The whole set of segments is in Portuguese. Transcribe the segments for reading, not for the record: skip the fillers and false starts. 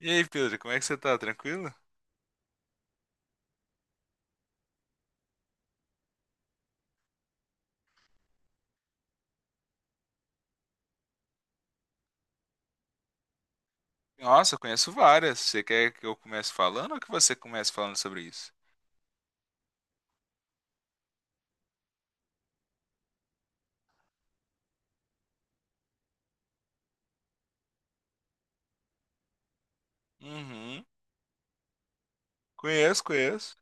E aí, Pedro, como é que você tá? Tranquilo? Nossa, eu conheço várias. Você quer que eu comece falando ou que você comece falando sobre isso? Uhum. Conheço, conheço.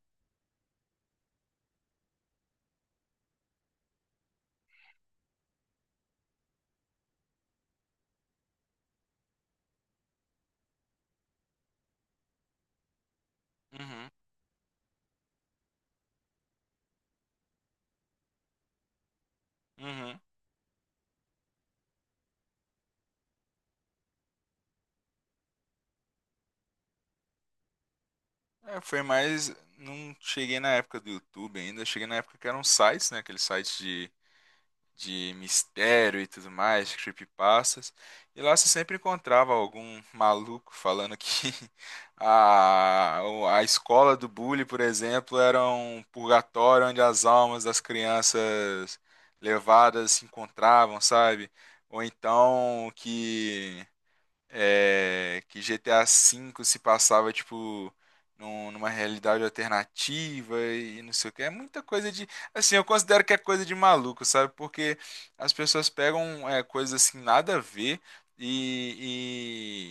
Uhum. Uhum. É, foi mais. Não cheguei na época do YouTube ainda. Cheguei na época que eram sites, né? Aqueles sites de mistério e tudo mais, creepypastas. E lá você sempre encontrava algum maluco falando que a, a escola do bullying, por exemplo, era um purgatório onde as almas das crianças levadas se encontravam, sabe? Ou então que que GTA V se passava, tipo, numa realidade alternativa e não sei o que. É muita coisa de. Assim, eu considero que é coisa de maluco, sabe? Porque as pessoas pegam coisas assim, nada a ver. e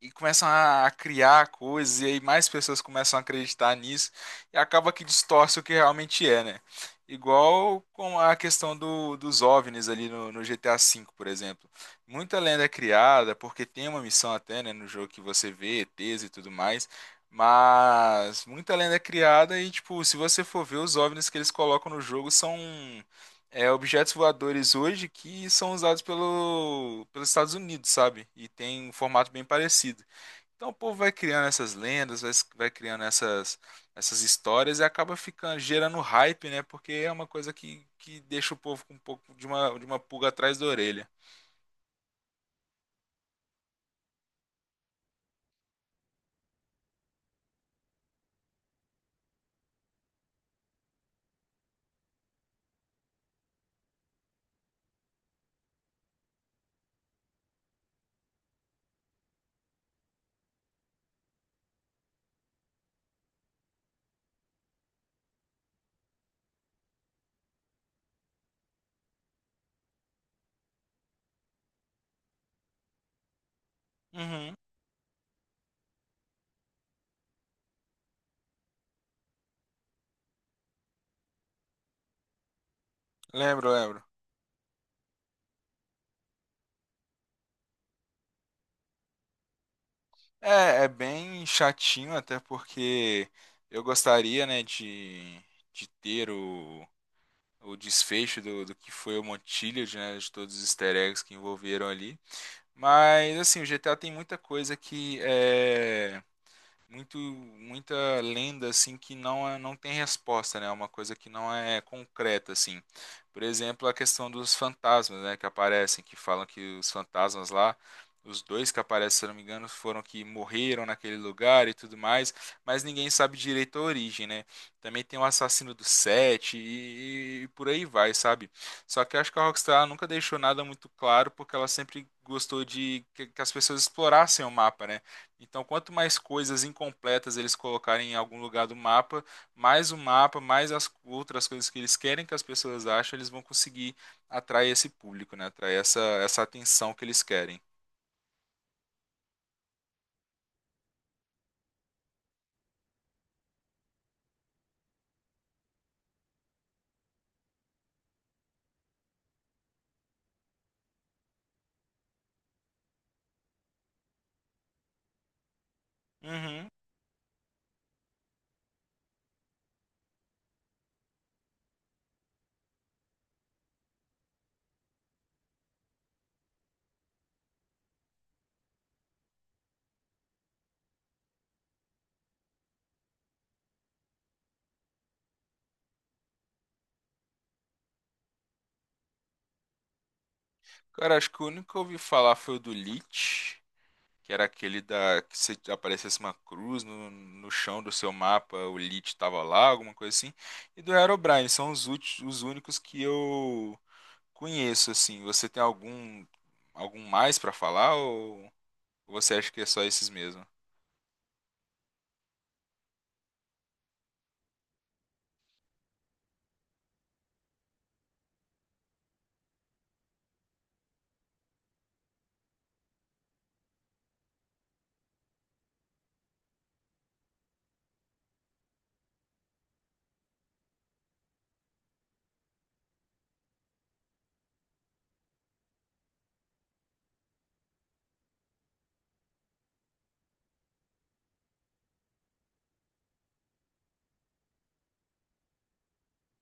e começam a criar coisas, e aí mais pessoas começam a acreditar nisso, e acaba que distorce o que realmente é, né? Igual com a questão dos OVNIs ali no GTA V, por exemplo. Muita lenda é criada, porque tem uma missão até, né, no jogo que você vê ETs e tudo mais, mas muita lenda é criada e, tipo, se você for ver, os OVNIs que eles colocam no jogo são objetos voadores hoje que são usados pelos Estados Unidos, sabe? E tem um formato bem parecido. Então o povo vai criando essas lendas, vai criando essas histórias e acaba ficando gerando hype, né? Porque é uma coisa que deixa o povo com um pouco de de uma pulga atrás da orelha. Uhum, lembro, lembro. É, é bem chatinho, até porque eu gostaria, né, de ter o desfecho do que foi o Montiliad, né, de todos os easter eggs que envolveram ali. Mas, assim, o GTA tem muita coisa que é muito muita lenda assim que não é, não tem resposta, né? É uma coisa que não é concreta assim. Por exemplo, a questão dos fantasmas, né, que aparecem, que falam que os fantasmas lá os dois que aparecem, se eu não me engano, foram que morreram naquele lugar e tudo mais, mas ninguém sabe direito a origem, né? Também tem o assassino do Sete e por aí vai, sabe? Só que eu acho que a Rockstar ela nunca deixou nada muito claro, porque ela sempre gostou de que as pessoas explorassem o mapa, né? Então, quanto mais coisas incompletas eles colocarem em algum lugar do mapa, mais o mapa, mais as outras coisas que eles querem que as pessoas achem, eles vão conseguir atrair esse público, né? Atrair essa atenção que eles querem. Uhum. Cara, acho que o único que eu ouvi falar foi o do Lich, que era aquele da que se aparecesse uma cruz no chão do seu mapa, o Lich tava lá, alguma coisa assim. E do Herobrine, são os, os únicos que eu conheço, assim. Você tem algum algum mais pra falar ou você acha que é só esses mesmo?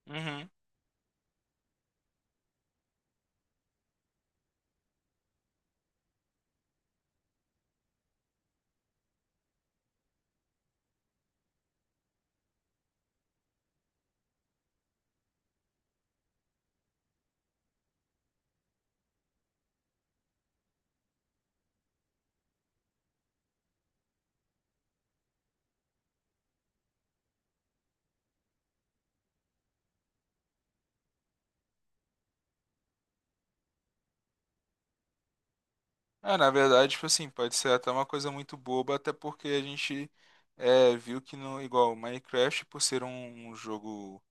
Uhum. É, na verdade, tipo assim, pode ser até uma coisa muito boba, até porque a gente viu que no igual Minecraft, por ser um, um jogo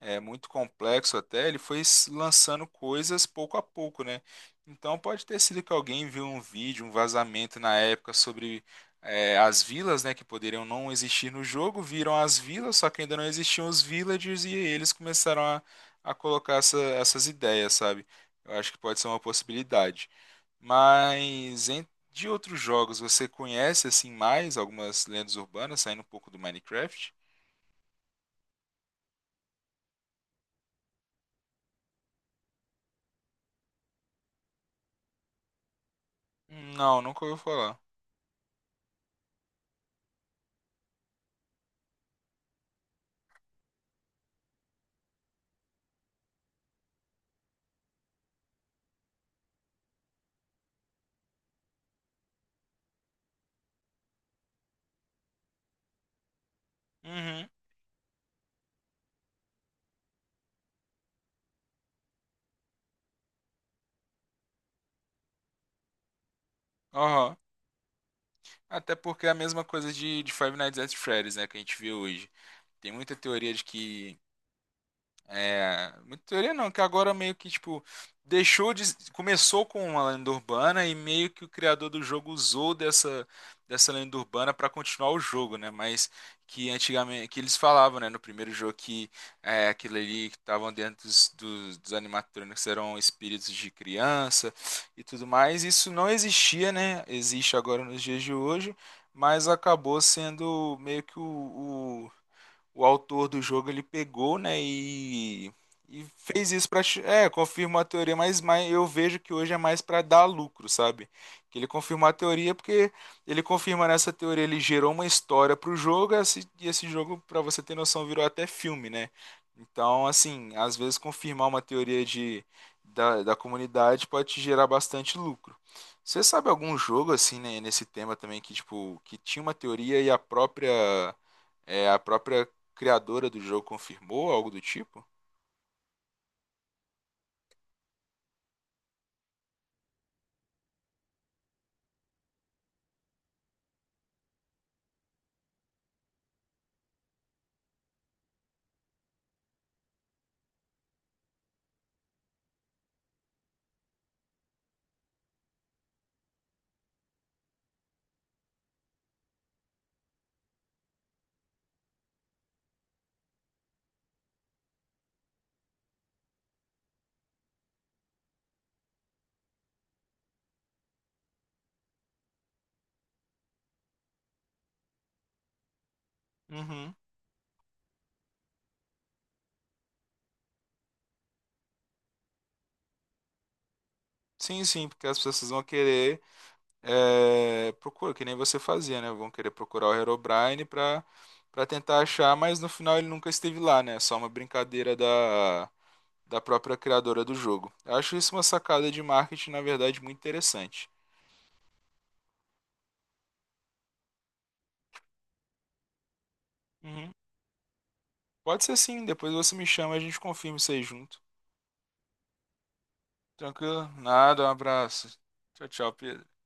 é muito complexo até, ele foi lançando coisas pouco a pouco, né? Então pode ter sido que alguém viu um vídeo, um vazamento na época sobre as vilas, né, que poderiam não existir no jogo, viram as vilas, só que ainda não existiam os villagers e eles começaram a colocar essas ideias, sabe? Eu acho que pode ser uma possibilidade. Mas de outros jogos, você conhece assim mais algumas lendas urbanas, saindo um pouco do Minecraft? Não, nunca ouviu falar. Uhum. Aham. Até porque é a mesma coisa de Five Nights at Freddy's, né, que a gente vê hoje. Tem muita teoria de que muita teoria não, que agora meio que, tipo, deixou de. Começou com uma lenda urbana e meio que o criador do jogo usou dessa lenda urbana para continuar o jogo, né? Mas que antigamente, que eles falavam, né, no primeiro jogo que aquilo ali que estavam dentro dos animatrônicos eram espíritos de criança e tudo mais. Isso não existia, né? Existe agora nos dias de hoje, mas acabou sendo meio que o autor do jogo ele pegou, né, e fez isso para confirmou a teoria, mas eu vejo que hoje é mais para dar lucro, sabe? Que ele confirmou a teoria porque ele confirma nessa teoria, ele gerou uma história pro jogo, e esse jogo, para você ter noção, virou até filme, né? Então, assim, às vezes confirmar uma teoria de da, da comunidade pode te gerar bastante lucro. Você sabe algum jogo assim, né, nesse tema também que tipo que tinha uma teoria e a própria a própria criadora do jogo confirmou, algo do tipo? Uhum. Sim, sim, porque as pessoas vão querer procurar, que nem você fazia, né? Vão querer procurar o Herobrine pra tentar achar, mas no final ele nunca esteve lá, né? É só uma brincadeira da própria criadora do jogo. Eu acho isso uma sacada de marketing, na verdade, muito interessante. Uhum. Pode ser sim, depois você me chama e a gente confirma isso aí junto. Tranquilo? Nada, um abraço. Tchau, tchau, Pedro.